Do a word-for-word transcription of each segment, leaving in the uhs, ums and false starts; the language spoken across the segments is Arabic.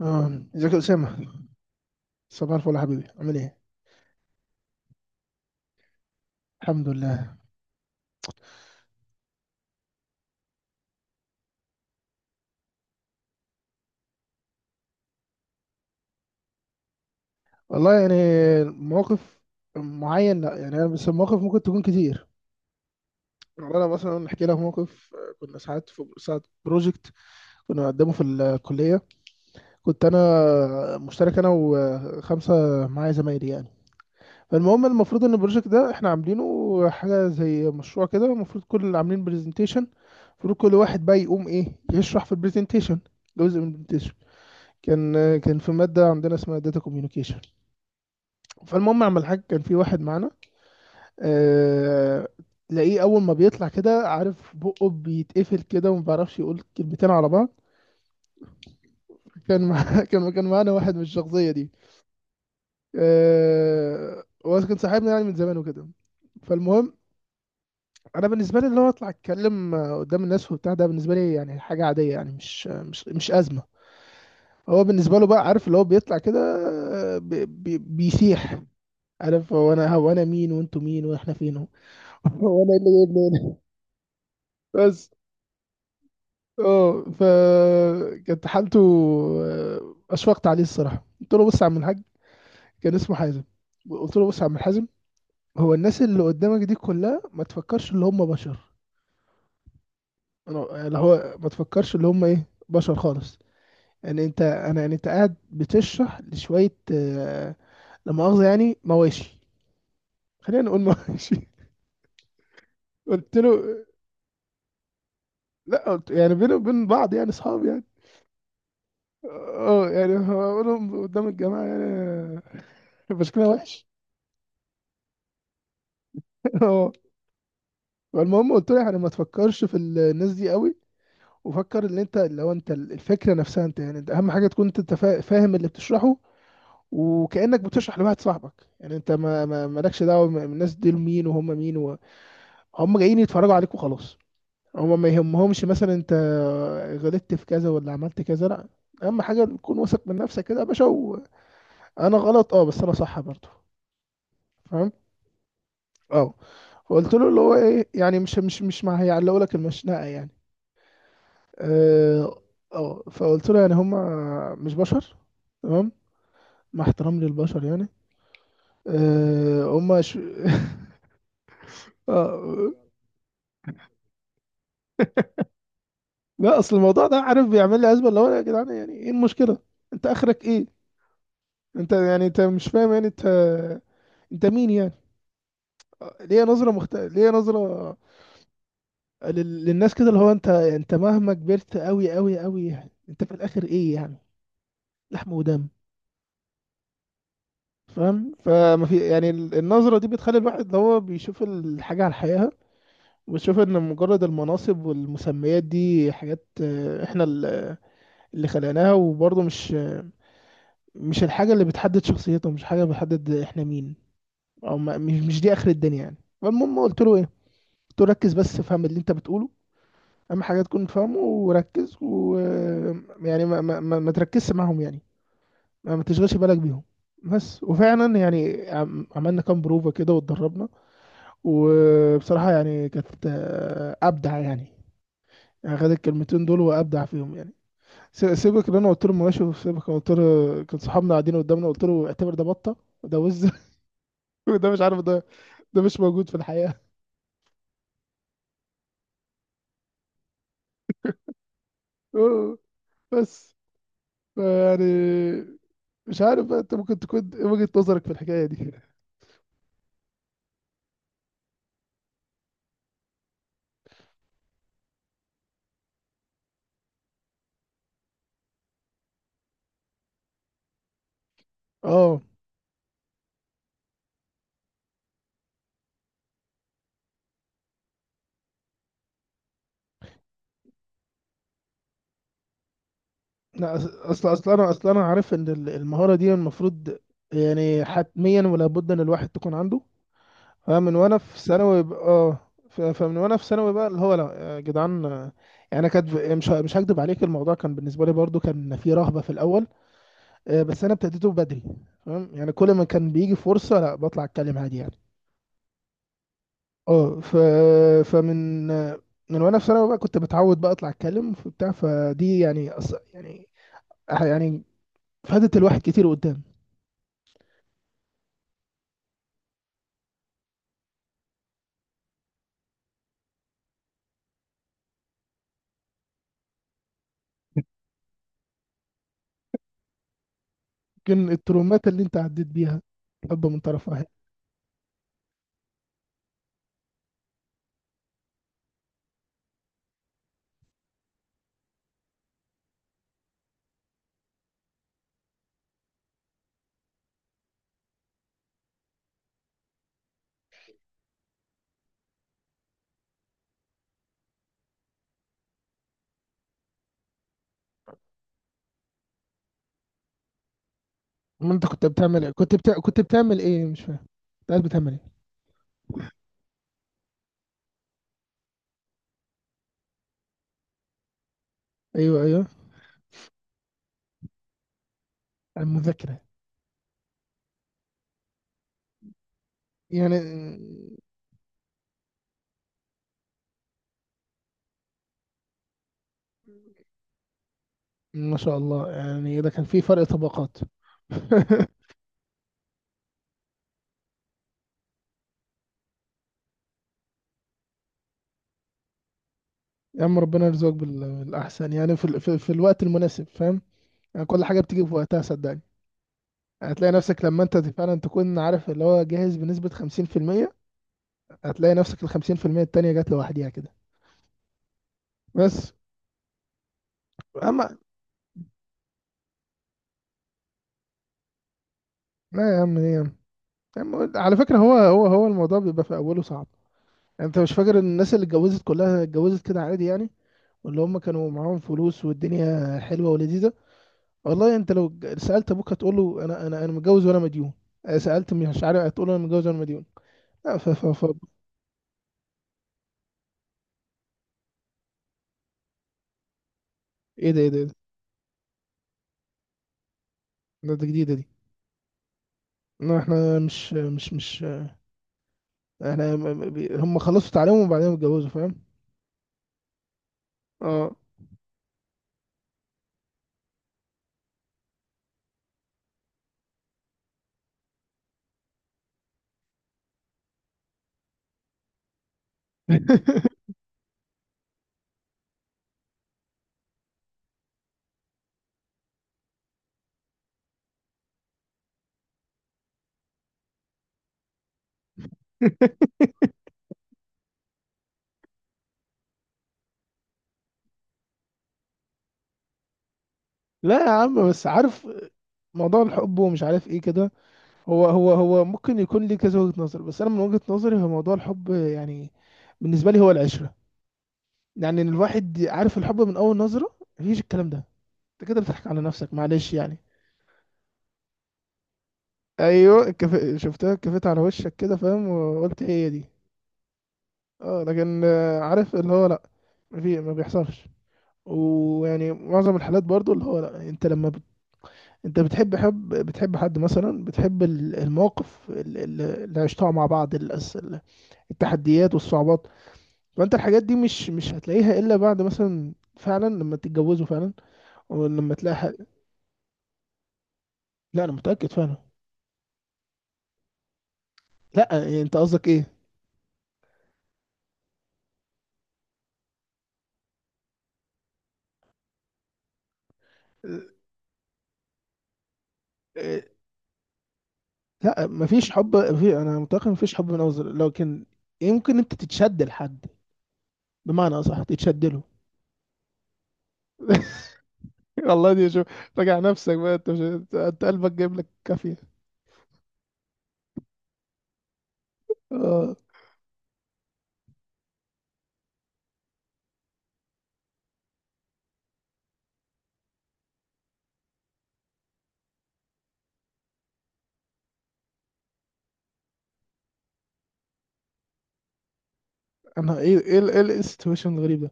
اه، ازيك يا اسامه؟ صباح الفل يا حبيبي، عامل ايه؟ الحمد لله. والله يعني موقف معين، لا، يعني انا بس المواقف ممكن تكون كتير. والله انا مثلا احكي لك موقف، آه، كنا ساعات في ساعات بروجكت كنا بنقدمه في الكليه. كنت انا مشترك انا وخمسه معايا زمايلي يعني. فالمهم المفروض ان البروجكت ده احنا عاملينه حاجه زي مشروع كده، المفروض كل اللي عاملين برزنتيشن المفروض كل واحد بقى يقوم ايه، يشرح في البرزنتيشن جزء من البرزنتيشن. كان كان في مادة عندنا اسمها داتا كوميونيكيشن. فالمهم اعمل حاجة، كان في واحد معانا، آه... تلاقيه اول ما بيطلع كده عارف بقه بيتقفل كده وما بيعرفش يقول كلمتين على بعض. كان مع... كان كان معانا واحد من الشخصية دي. آه... هو كان صاحبنا يعني من زمان وكده. فالمهم انا بالنسبه لي، اللي هو اطلع اتكلم آه، قدام الناس وبتاع ده، بالنسبه لي يعني حاجه عاديه، يعني مش مش مش ازمه. هو بالنسبه له بقى، عارف اللي هو بيطلع كده، آه، بي بي بيسيح. عارف هو انا، هو انا مين وانتوا مين واحنا فين، هو هو انا إيه اللي جايبني هنا؟ بس. اه ف كانت حالته، آه، اشفقت عليه الصراحه. قلت له، بص يا عم الحاج، كان اسمه حازم، قلت له بص يا عم الحازم، هو الناس اللي قدامك دي كلها ما تفكرش اللي هم بشر. انا اللي هو ما تفكرش اللي هم ايه، بشر خالص. يعني انت انا يعني انت قاعد بتشرح لشويه، آه، لا مؤاخذه يعني، مواشي. خلينا نقول مواشي. قلت له، لا، قلت يعني بيني وبين بعض يعني، اصحاب يعني. اه يعني هقولهم قدام الجماعة يعني؟ شكلها وحش. اه، فالمهم قلت له يعني ما تفكرش في ال- الناس دي قوي، وفكر ان انت لو انت ال- الفكرة نفسها، انت يعني انت اهم حاجة تكون انت فا- فاهم اللي بتشرحه. وكأنك بتشرح لواحد صاحبك يعني، انت ما ما- مالكش دعوة م- الناس دي مين وهم مين و- هم جايين يتفرجوا عليك وخلاص. هم ما يهمهمش مثلا انت غلطت في كذا ولا عملت كذا، لا، اهم حاجة تكون واثق من نفسك كده يا باشا. وانا غلط، اه، بس انا صح برضه، فاهم؟ اه. فقلت له اللي هو ايه، يعني مش مش مش ما هيعلقوا لك المشنقه يعني. اه. آه. فقلت له يعني، هم مش بشر، تمام، مع احترام للبشر يعني. أه هم ش... آه. لا اصل الموضوع ده عارف بيعمل لي ازمه، اللي هو يا جدعان، يعني ايه المشكله، انت اخرك ايه؟ انت يعني، انت مش فاهم يعني انت انت مين يعني؟ آه، ليه نظره مخت... ليه نظره لل... للناس كده، اللي هو انت انت مهما كبرت قوي قوي قوي، يعني انت في الاخر ايه يعني؟ لحم ودم. فاهم؟ فما في يعني ال- النظرة دي بتخلي الواحد اللي هو بيشوف الحاجة على حقيقها، وبيشوف ان مجرد المناصب والمسميات دي حاجات، آه، احنا ال- اللي خلقناها، وبرضه مش، مش الحاجة اللي بتحدد شخصيته، مش حاجة بتحدد احنا مين، او ما- مش مش دي اخر الدنيا يعني. فالمهم قلت له ايه، قلت له ركز بس، فهم اللي انت بتقوله، اهم حاجة تكون فاهمه وركز، و آه، يعني ما, ما, ما, ما تركزش معاهم يعني، ما ما تشغلش بالك بيهم بس. وفعلا يعني، عم- عملنا كام بروفة كده واتدربنا. وبصراحة يعني كانت، آه، أبدع يعني، يعني خد الكلمتين دول وأبدع فيهم يعني. س- سيبك اللي أنا قلت له، ماشي، وسيبك أنا قلت له، كان صحابنا قاعدين قدامنا، قلت له اعتبر ده بطة، وده وز، وده مش عارف ده، ده مش موجود في الحياة. أوه، بس، يعني مش عارف بقى أنت ممكن تكون إيه وجهة نظرك في الحكاية دي. أه. لا، أص- أصل أصل أنا أصل أنا عارف إن ال- المهارة دي المفروض، يعني حتميا ولا بد إن الواحد تكون عنده. اه من وانا في ثانوي، ب- اه ف- فمن وانا في ثانوي بقى اللي هو لا يا جدعان، آه، يعني كانت مش ه- مش هكدب عليك، الموضوع كان بالنسبه لي برضو كان فيه رهبه في الاول، آه، بس انا ابتديته بدري. فاهم؟ يعني كل ما كان بيجي فرصه، لا، بطلع اتكلم عادي يعني. اه ف فمن آه، من وانا في ثانوي بقى كنت متعود بقى اطلع اتكلم وبتاع، فدي يعني أص... يعني أح- يعني فادت الواحد كتير قدام. يمكن الترومات اللي انت عديت بيها، حب من طرف. ما انت كنت بتعمل إيه؟ كنت بتا... كنت بتعمل ايه مش فاهم، انت قاعد بتعمل ايه؟ ايوه، ايوه، المذاكره. يعني ما شاء الله، يعني ده كان في فرق طبقات. يا عم ربنا يرزقك بال- بالاحسن يعني، في, ال... في... في الوقت المناسب، فاهم؟ يعني كل حاجه بتيجي في وقتها صدقني. هتلاقي نفسك لما انت فعلا تكون عارف اللي هو جاهز بنسبه خمسين في المية، هتلاقي نفسك ال خمسين في المية التانيه جات لوحديها كده بس. اما، لا يا عم، ايه يا عم؟ يا عم، على فكره، هو هو هو الموضوع بيبقى في اوله صعب. انت مش فاكر ان الناس اللي اتجوزت كلها اتجوزت كده عادي يعني، واللي هم كانوا معاهم فلوس والدنيا حلوه ولذيذه. والله انت لو ج- سالت ابوك هتقول له انا انا انا متجوز وانا مديون، اه، سالت مش عارف هتقول له انا متجوز وانا مديون. لا ف ف ف ايه ده، ايه ده، ايه ده؟ ده ده جديده دي. لا احنا مش مش مش احنا م- م- بي- هم خلصوا تعليمهم وبعدين اتجوزوا، فاهم؟ اه. لا يا عم، بس عارف موضوع الحب ومش عارف ايه كده، هو هو هو ممكن يكون ليه كذا وجهة نظر، بس انا من وجهة نظري هو موضوع الحب يعني، بالنسبة لي هو العشرة. يعني إن الواحد عارف الحب من اول نظرة، مفيش الكلام ده، انت كده بتضحك على نفسك، معلش يعني. ايوه، كف... شفتها كفيت على وشك كده فاهم وقلت هي دي. اه لكن، آه، عارف اللي هو لا، مفي... ما بيحصلش. ويعني معظم الحالات برضو اللي هو لا، انت لما بت... انت بتحب حب، بتحب حد مثلا، بتحب ال- المواقف ال- ال- اللي عشتها مع بعض، الأس- التحديات والصعوبات. فانت الحاجات دي مش مش هتلاقيها الا بعد مثلا فعلا لما تتجوزوا فعلا، او لما تلاقي حق... لا انا متاكد فعلا. لا يعني انت قصدك ايه؟ إيه، لا مفيش حب، في، انا متاكد مفيش حب من اول زر- لكن يمكن انت تتشد لحد، بمعنى اصح تتشد له. والله دي شوف، راجع نفسك بقى، انت مش انت أنت قلبك جايب لك كافيه. اه. انا ايه، ايه ال- ايه السيتويشن الغريب ده؟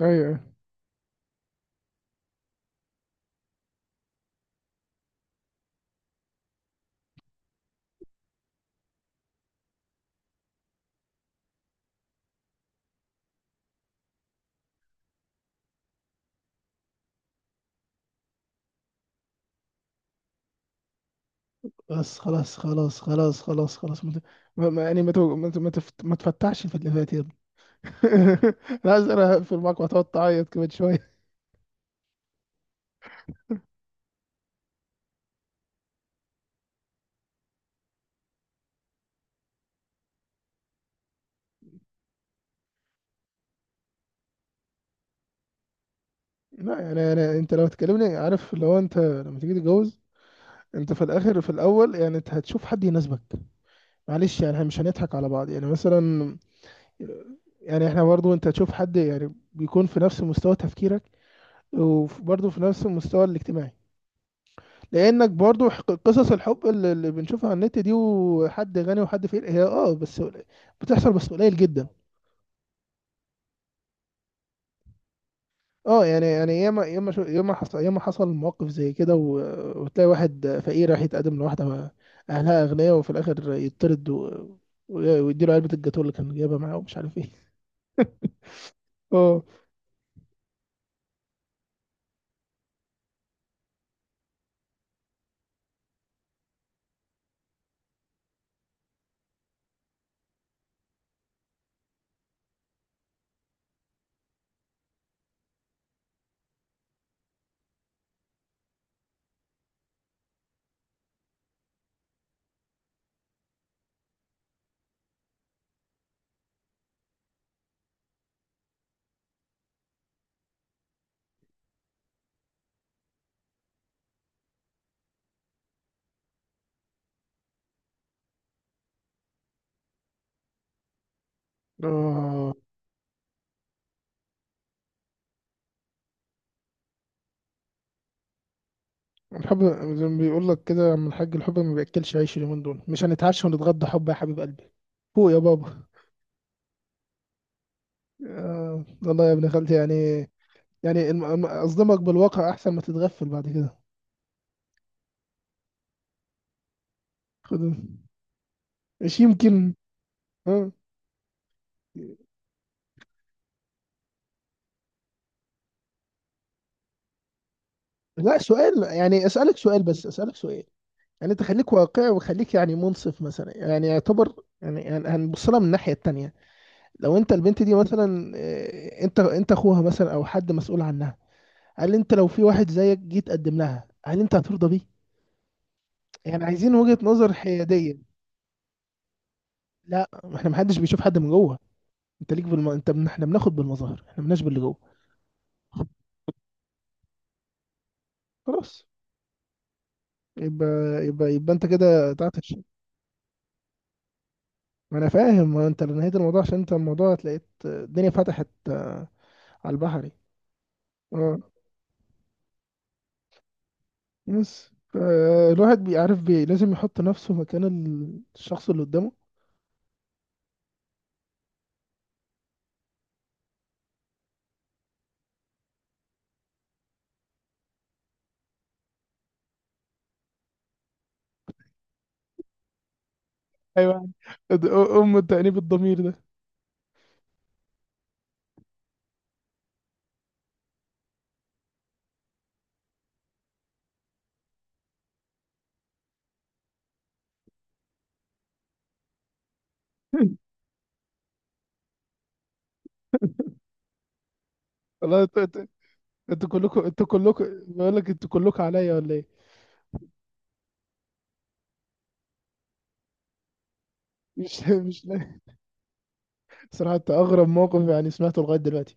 ايوه، أيوة. بس، خلاص خلاص خلاص خلاص خلاص، ما ت- ما- ما- يعني ما تو- ما ت- ما تفت- ما تفتحش في اللي فات. انا عايز، انا هقفل معاك وهتقعد تعيط كمان شويه. لا يعني انا، انت لو تكلمني، عارف لو انت لما تيجي تتجوز، انت في الاخر في الاول يعني انت هتشوف حد يناسبك، معلش يعني احنا مش هنضحك على بعض يعني، مثلا يعني احنا برضو انت تشوف حد يعني بيكون في نفس مستوى تفكيرك، وبرضو في نفس المستوى الاجتماعي. لانك برضو، ح- قصص الحب اللي اللي بنشوفها على النت دي، وحد غني وحد فقير، هي اه بس بتحصل، بس قليل جدا. اه يعني، يعني ياما ياما شو، ياما حصل ياما حصل مواقف زي كده، و- وتلاقي واحد فقير راح يتقدم لواحدة أهلها أغنياء، وفي الآخر يطرد و- و- ويديله علبة الجاتوه اللي كان جايبها معاه ومش عارف ايه. اه. اه، الحب زي ما بيقول لك كده يا عم الحاج، الحب ما بياكلش عيش. اليومين دول مش هنتعشى ونتغدى حب يا حبيب قلبي، فوق يا بابا. آه والله يا ابن خالتي، يعني يعني الم- الم- اصدمك بالواقع احسن ما تتغفل بعد كده. خد، مش يمكن. اه، لا سؤال، يعني اسالك سؤال، بس اسالك سؤال. يعني انت خليك واقعي وخليك يعني منصف، مثلا يعني يعتبر يعني، يعني هنبص لها من الناحيه التانيه. لو انت البنت دي مثلا، آه، انت انت اخوها مثلا او حد مسؤول عنها، هل انت لو في واحد زيك جيت تقدم لها هل انت هترضى بيه؟ يعني عايزين وجهه نظر حياديه. لا ما احنا محدش بيشوف حد من جوه، انت ليك بالم... انت من... احنا بناخد بالمظاهر، احنا مالناش باللي جوه. خلاص. يبقى، يبقى يبقى انت كده بتاعتك. ما انا فاهم، ما انت اللي نهيت الموضوع عشان انت الموضوع تلاقيت الدنيا فتحت، آه، على البحري. اه بس، آه، الواحد بيعرف بي لازم يحط نفسه مكان ال- الشخص اللي قدامه. ايوه، أد- ام التأنيب الضمير ده. والله انتوا انتوا انتوا كلكم، انتوا كلكم بقول لك انتوا كلكم عليا ولا ايه؟ مش مش، صراحة انت اغرب موقف يعني سمعته لغاية دلوقتي،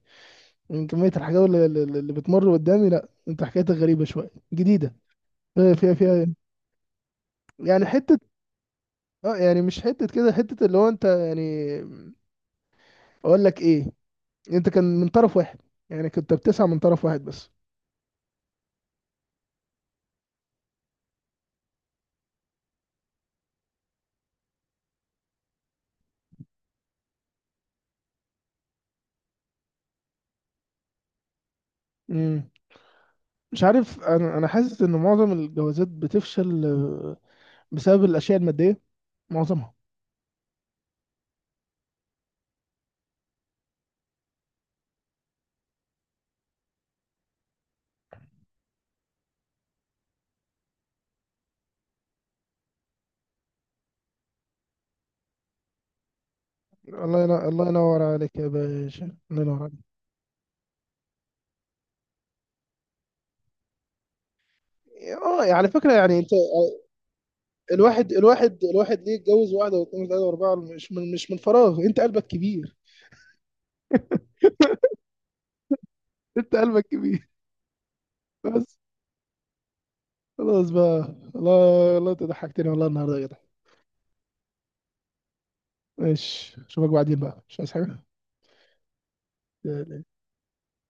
من كمية الحاجات اللي, اللي اللي بتمر قدامي، لا انت حكايتك غريبة شوية جديدة فيها فيها فيها يعني حتة. اه يعني مش حتة كده، حتة اللي هو انت يعني، اقول لك ايه، انت كان من طرف واحد، يعني كنت بتسعى من طرف واحد بس. امم. مش عارف، انا انا حاسس ان معظم الجوازات بتفشل، آه، بسبب الاشياء المادية، معظمها. الله ينور، الله ينور عليك يا باشا، الله ينور عليك. اه، على فكرة يعني انت، آه، الواحد الواحد الواحد ليه يتجوز واحدة واثنين وثلاثة وأربعة؟ مش من مش من فراغ، انت قلبك كبير، انت قلبك كبير. بس، خلاص بقى. الله الله، انت ضحكتني والله النهارده يا جدع. ماشي اشوفك بعدين بقى، مش عايز حاجة.